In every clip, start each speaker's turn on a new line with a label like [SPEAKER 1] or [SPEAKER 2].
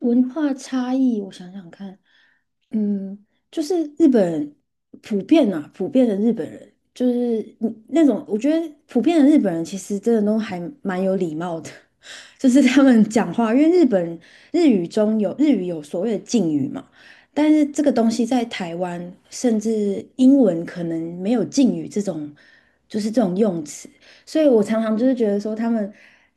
[SPEAKER 1] 文化差异，我想想看，嗯，就是日本人普遍啊，普遍的日本人，就是那种，我觉得普遍的日本人其实真的都还蛮有礼貌的，就是他们讲话，因为日语有所谓的敬语嘛，但是这个东西在台湾，甚至英文可能没有敬语这种，就是这种用词。所以我常常就是觉得说，他们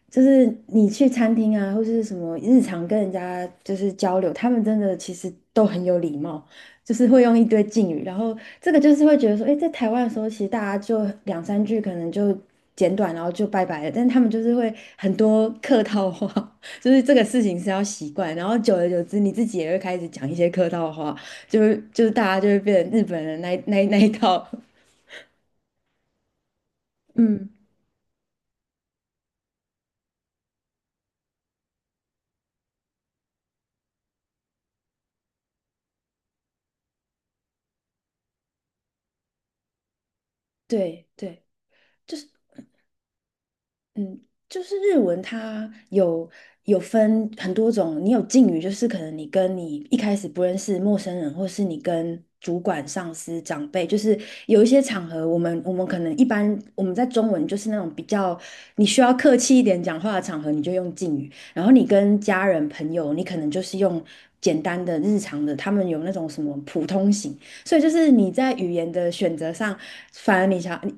[SPEAKER 1] 就是你去餐厅啊，或是什么日常跟人家就是交流，他们真的其实都很有礼貌，就是会用一堆敬语。然后这个就是会觉得说，诶，在台湾的时候，其实大家就两三句可能就简短，然后就拜拜了。但他们就是会很多客套话，就是这个事情是要习惯。然后久而久之，你自己也会开始讲一些客套话，就是大家就会变成日本人那一套。嗯，对对。就是。嗯，就是日文它有分很多种，你有敬语，就是可能你跟你一开始不认识陌生人，或是你跟主管、上司、长辈，就是有一些场合，我们可能一般我们在中文就是那种比较你需要客气一点讲话的场合，你就用敬语，然后你跟家人、朋友，你可能就是用简单的日常的，他们有那种什么普通型。所以就是你在语言的选择上，反而你想你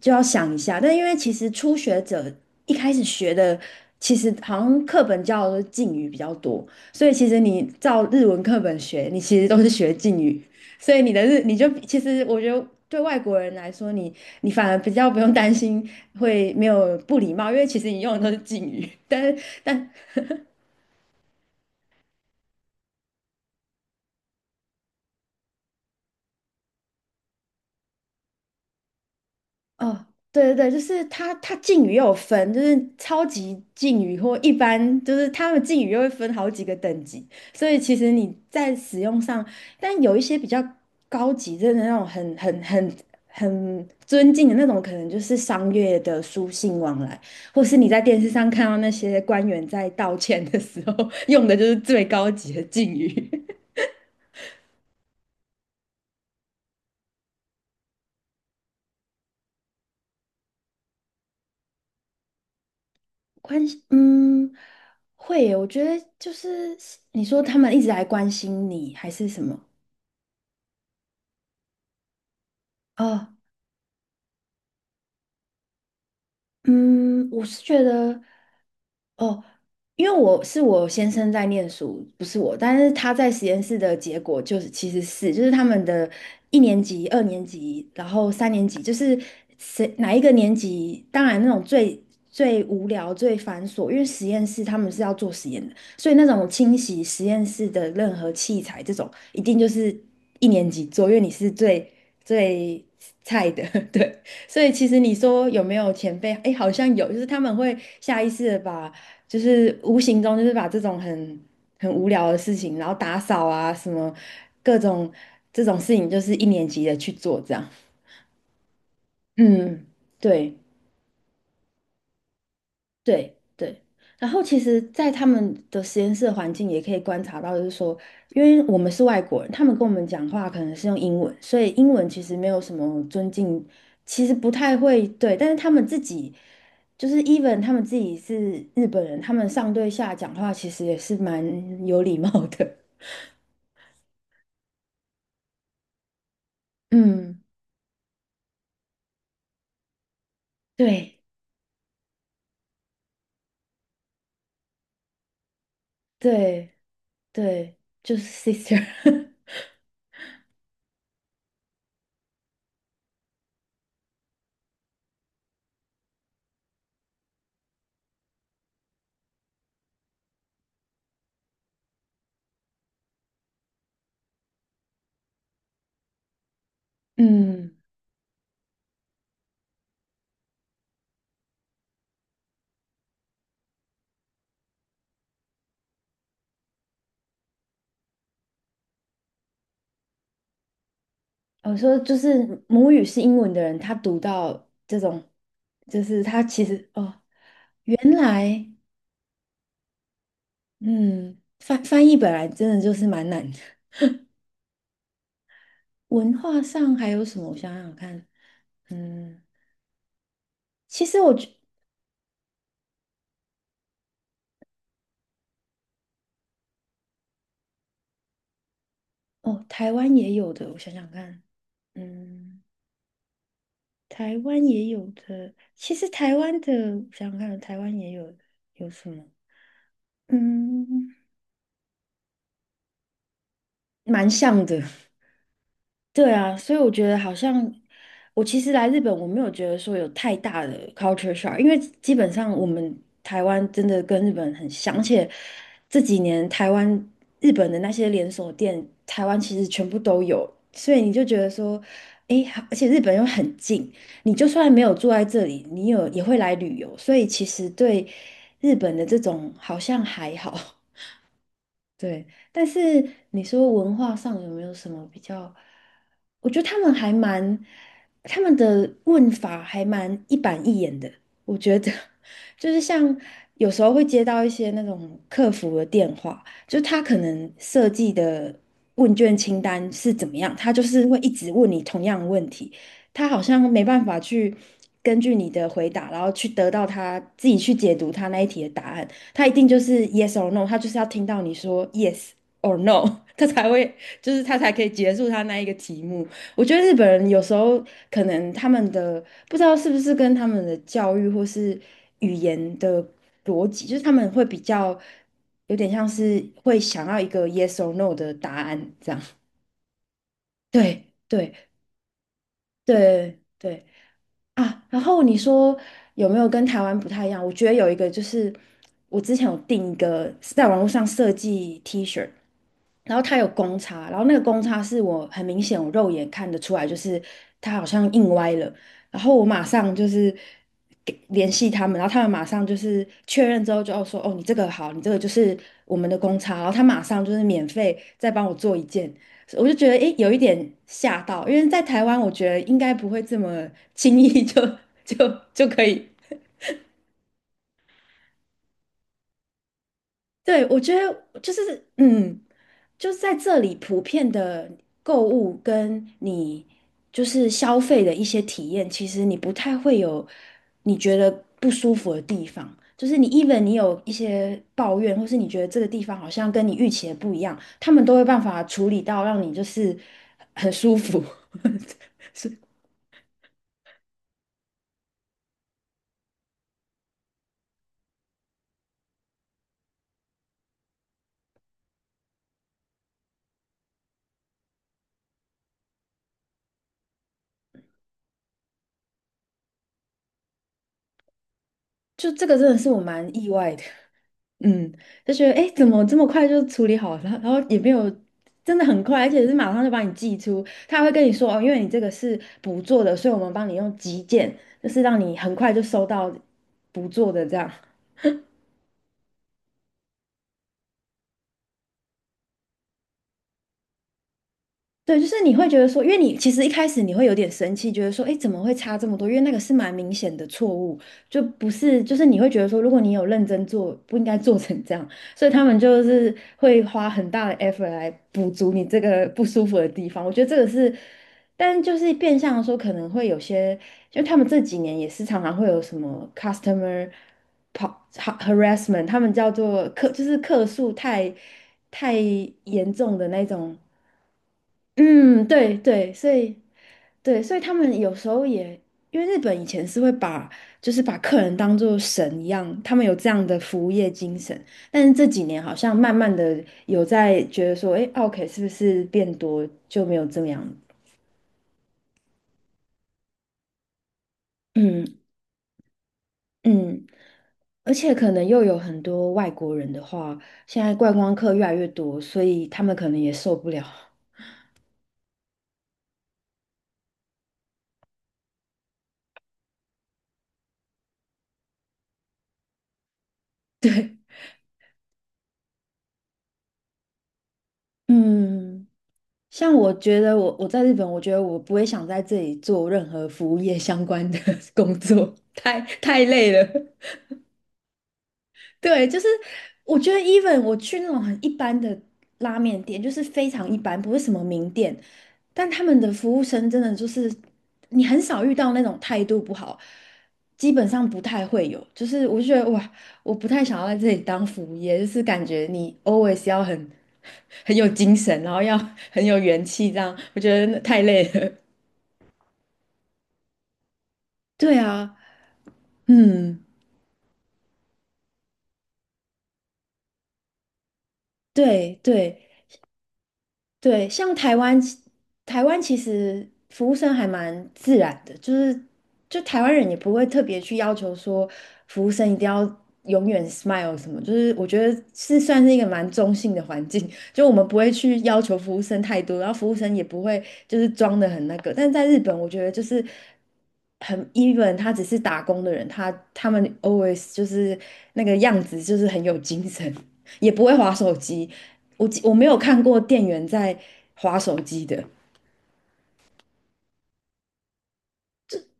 [SPEAKER 1] 就要想一下。但因为其实初学者一开始学的，其实好像课本教的都是敬语比较多，所以其实你照日文课本学，你其实都是学敬语，所以你的日你就其实我觉得。对外国人来说，你反而比较不用担心会没有不礼貌，因为其实你用的都是敬语。但是但哦，对对对，就是它，它敬语又有分，就是超级敬语或一般，就是他们敬语又会分好几个等级，所以其实你在使用上，但有一些比较高级，真的那种很尊敬的那种，可能就是商业的书信往来，或是你在电视上看到那些官员在道歉的时候 用的就是最高级的敬语。关心，会耶我觉得就是你说他们一直来关心你，还是什么？哦，嗯，我是觉得。哦，因为我是我先生在念书，不是我，但是他在实验室的结果就是其实是就是他们的一年级、二年级，然后三年级，就是谁哪一个年级，当然那种最无聊、最繁琐，因为实验室他们是要做实验的，所以那种清洗实验室的任何器材这种，一定就是一年级做，因为你是最菜的，对。所以其实你说有没有前辈？哎，好像有，就是他们会下意识的把就是无形中就是把这种很无聊的事情，然后打扫啊什么各种这种事情，就是一年级的去做这样。嗯，对。对对，然后其实，在他们的实验室的环境也可以观察到，就是说，因为我们是外国人，他们跟我们讲话可能是用英文，所以英文其实没有什么尊敬，其实不太会对，但是他们自己就是 even 他们自己是日本人，他们上对下讲话其实也是蛮有礼貌的。嗯，对对对，就是 sister，嗯。我说就是母语是英文的人，他读到这种，就是他其实哦，原来嗯，翻翻译本来真的就是蛮难的。文化上还有什么？我想想看，嗯，其实我觉哦，台湾也有的，我想想看，嗯，台湾也有的。其实台湾的，我想想看，台湾也有的有什么？嗯，蛮像的。对啊，所以我觉得好像我其实来日本，我没有觉得说有太大的 culture shock，因为基本上我们台湾真的跟日本很像，而且这几年台湾日本的那些连锁店，台湾其实全部都有，所以你就觉得说，诶，好而且日本又很近，你就算没有住在这里，你有也会来旅游，所以其实对日本的这种好像还好。对，但是你说文化上有没有什么比较？我觉得他们还蛮，他们的问法还蛮一板一眼的。我觉得 就是像有时候会接到一些那种客服的电话，就是他可能设计的问卷清单是怎么样，他就是会一直问你同样的问题，他好像没办法去根据你的回答，然后去得到他自己去解读他那一题的答案。他一定就是 yes or no，他就是要听到你说 yes or no，他才会，就是他才可以结束他那一个题目。我觉得日本人有时候可能他们的不知道是不是跟他们的教育或是语言的逻辑，就是他们会比较有点像是会想要一个 yes or no 的答案这样。对对对。啊，然后你说有没有跟台湾不太一样？我觉得有一个就是我之前有订一个是在网络上设计 T 恤，然后它有公差，然后那个公差是我很明显我肉眼看得出来，就是它好像印歪了，然后我马上就是给联系他们，然后他们马上就是确认之后就要说哦你这个好，你这个就是我们的公差，然后他马上就是免费再帮我做一件，我就觉得诶，有一点吓到，因为在台湾，我觉得应该不会这么 轻易就 就就可以。对，我觉得就是就是在这里普遍的购物跟你就是消费的一些体验，其实你不太会有你觉得不舒服的地方。就是你，even 你有一些抱怨，或是你觉得这个地方好像跟你预期的不一样，他们都会办法处理到让你就是很舒服。就这个真的是我蛮意外的，嗯，就觉得哎，诶怎么这么快就处理好了？然后也没有真的很快，而且是马上就把你寄出，他还会跟你说哦，因为你这个是补做的，所以我们帮你用急件，就是让你很快就收到补做的这样。对，就是你会觉得说，因为你其实一开始你会有点生气，觉得说，哎，怎么会差这么多？因为那个是蛮明显的错误，就不是，就是你会觉得说，如果你有认真做，不应该做成这样。所以他们就是会花很大的 effort 来补足你这个不舒服的地方。我觉得这个是，但就是变相地说，可能会有些，就他们这几年也是常常会有什么 customer harassment，他们叫做客，就是客诉太严重的那种。嗯，对对，所以对，所以他们有时候也，因为日本以前是会把就是把客人当做神一样，他们有这样的服务业精神，但是这几年好像慢慢的有在觉得说，哎，OK 是不是变多就没有这么样？嗯嗯，而且可能又有很多外国人的话，现在观光客越来越多，所以他们可能也受不了。嗯。像我觉得我在日本，我觉得我不会想在这里做任何服务业相关的 工作，太累了。对，就是我觉得，even 我去那种很一般的拉面店，就是非常一般，不是什么名店，但他们的服务生真的就是你很少遇到那种态度不好，基本上不太会有。就是我就觉得哇，我不太想要在这里当服务业，就是感觉你 always 要很 很有精神，然后要很有元气，这样我觉得那太累了。对啊，嗯，对对。对，像台湾其，台湾其实服务生还蛮自然的，就是就台湾人也不会特别去要求说服务生一定要永远 smile 什么，就是我觉得是算是一个蛮中性的环境，就我们不会去要求服务生太多，然后服务生也不会就是装的很那个，但在日本，我觉得就是很 even，他只是打工的人，他们 always 就是那个样子，就是很有精神。也不会划手机。我记我没有看过店员在划手机的，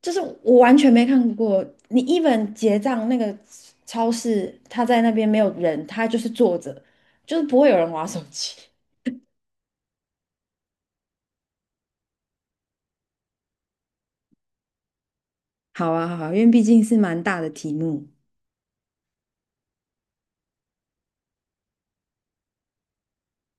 [SPEAKER 1] 就是我完全没看过。你 even 结账那个超市，他在那边没有人，他就是坐着，就是不会有人划手机。好啊，好啊，因为毕竟是蛮大的题目。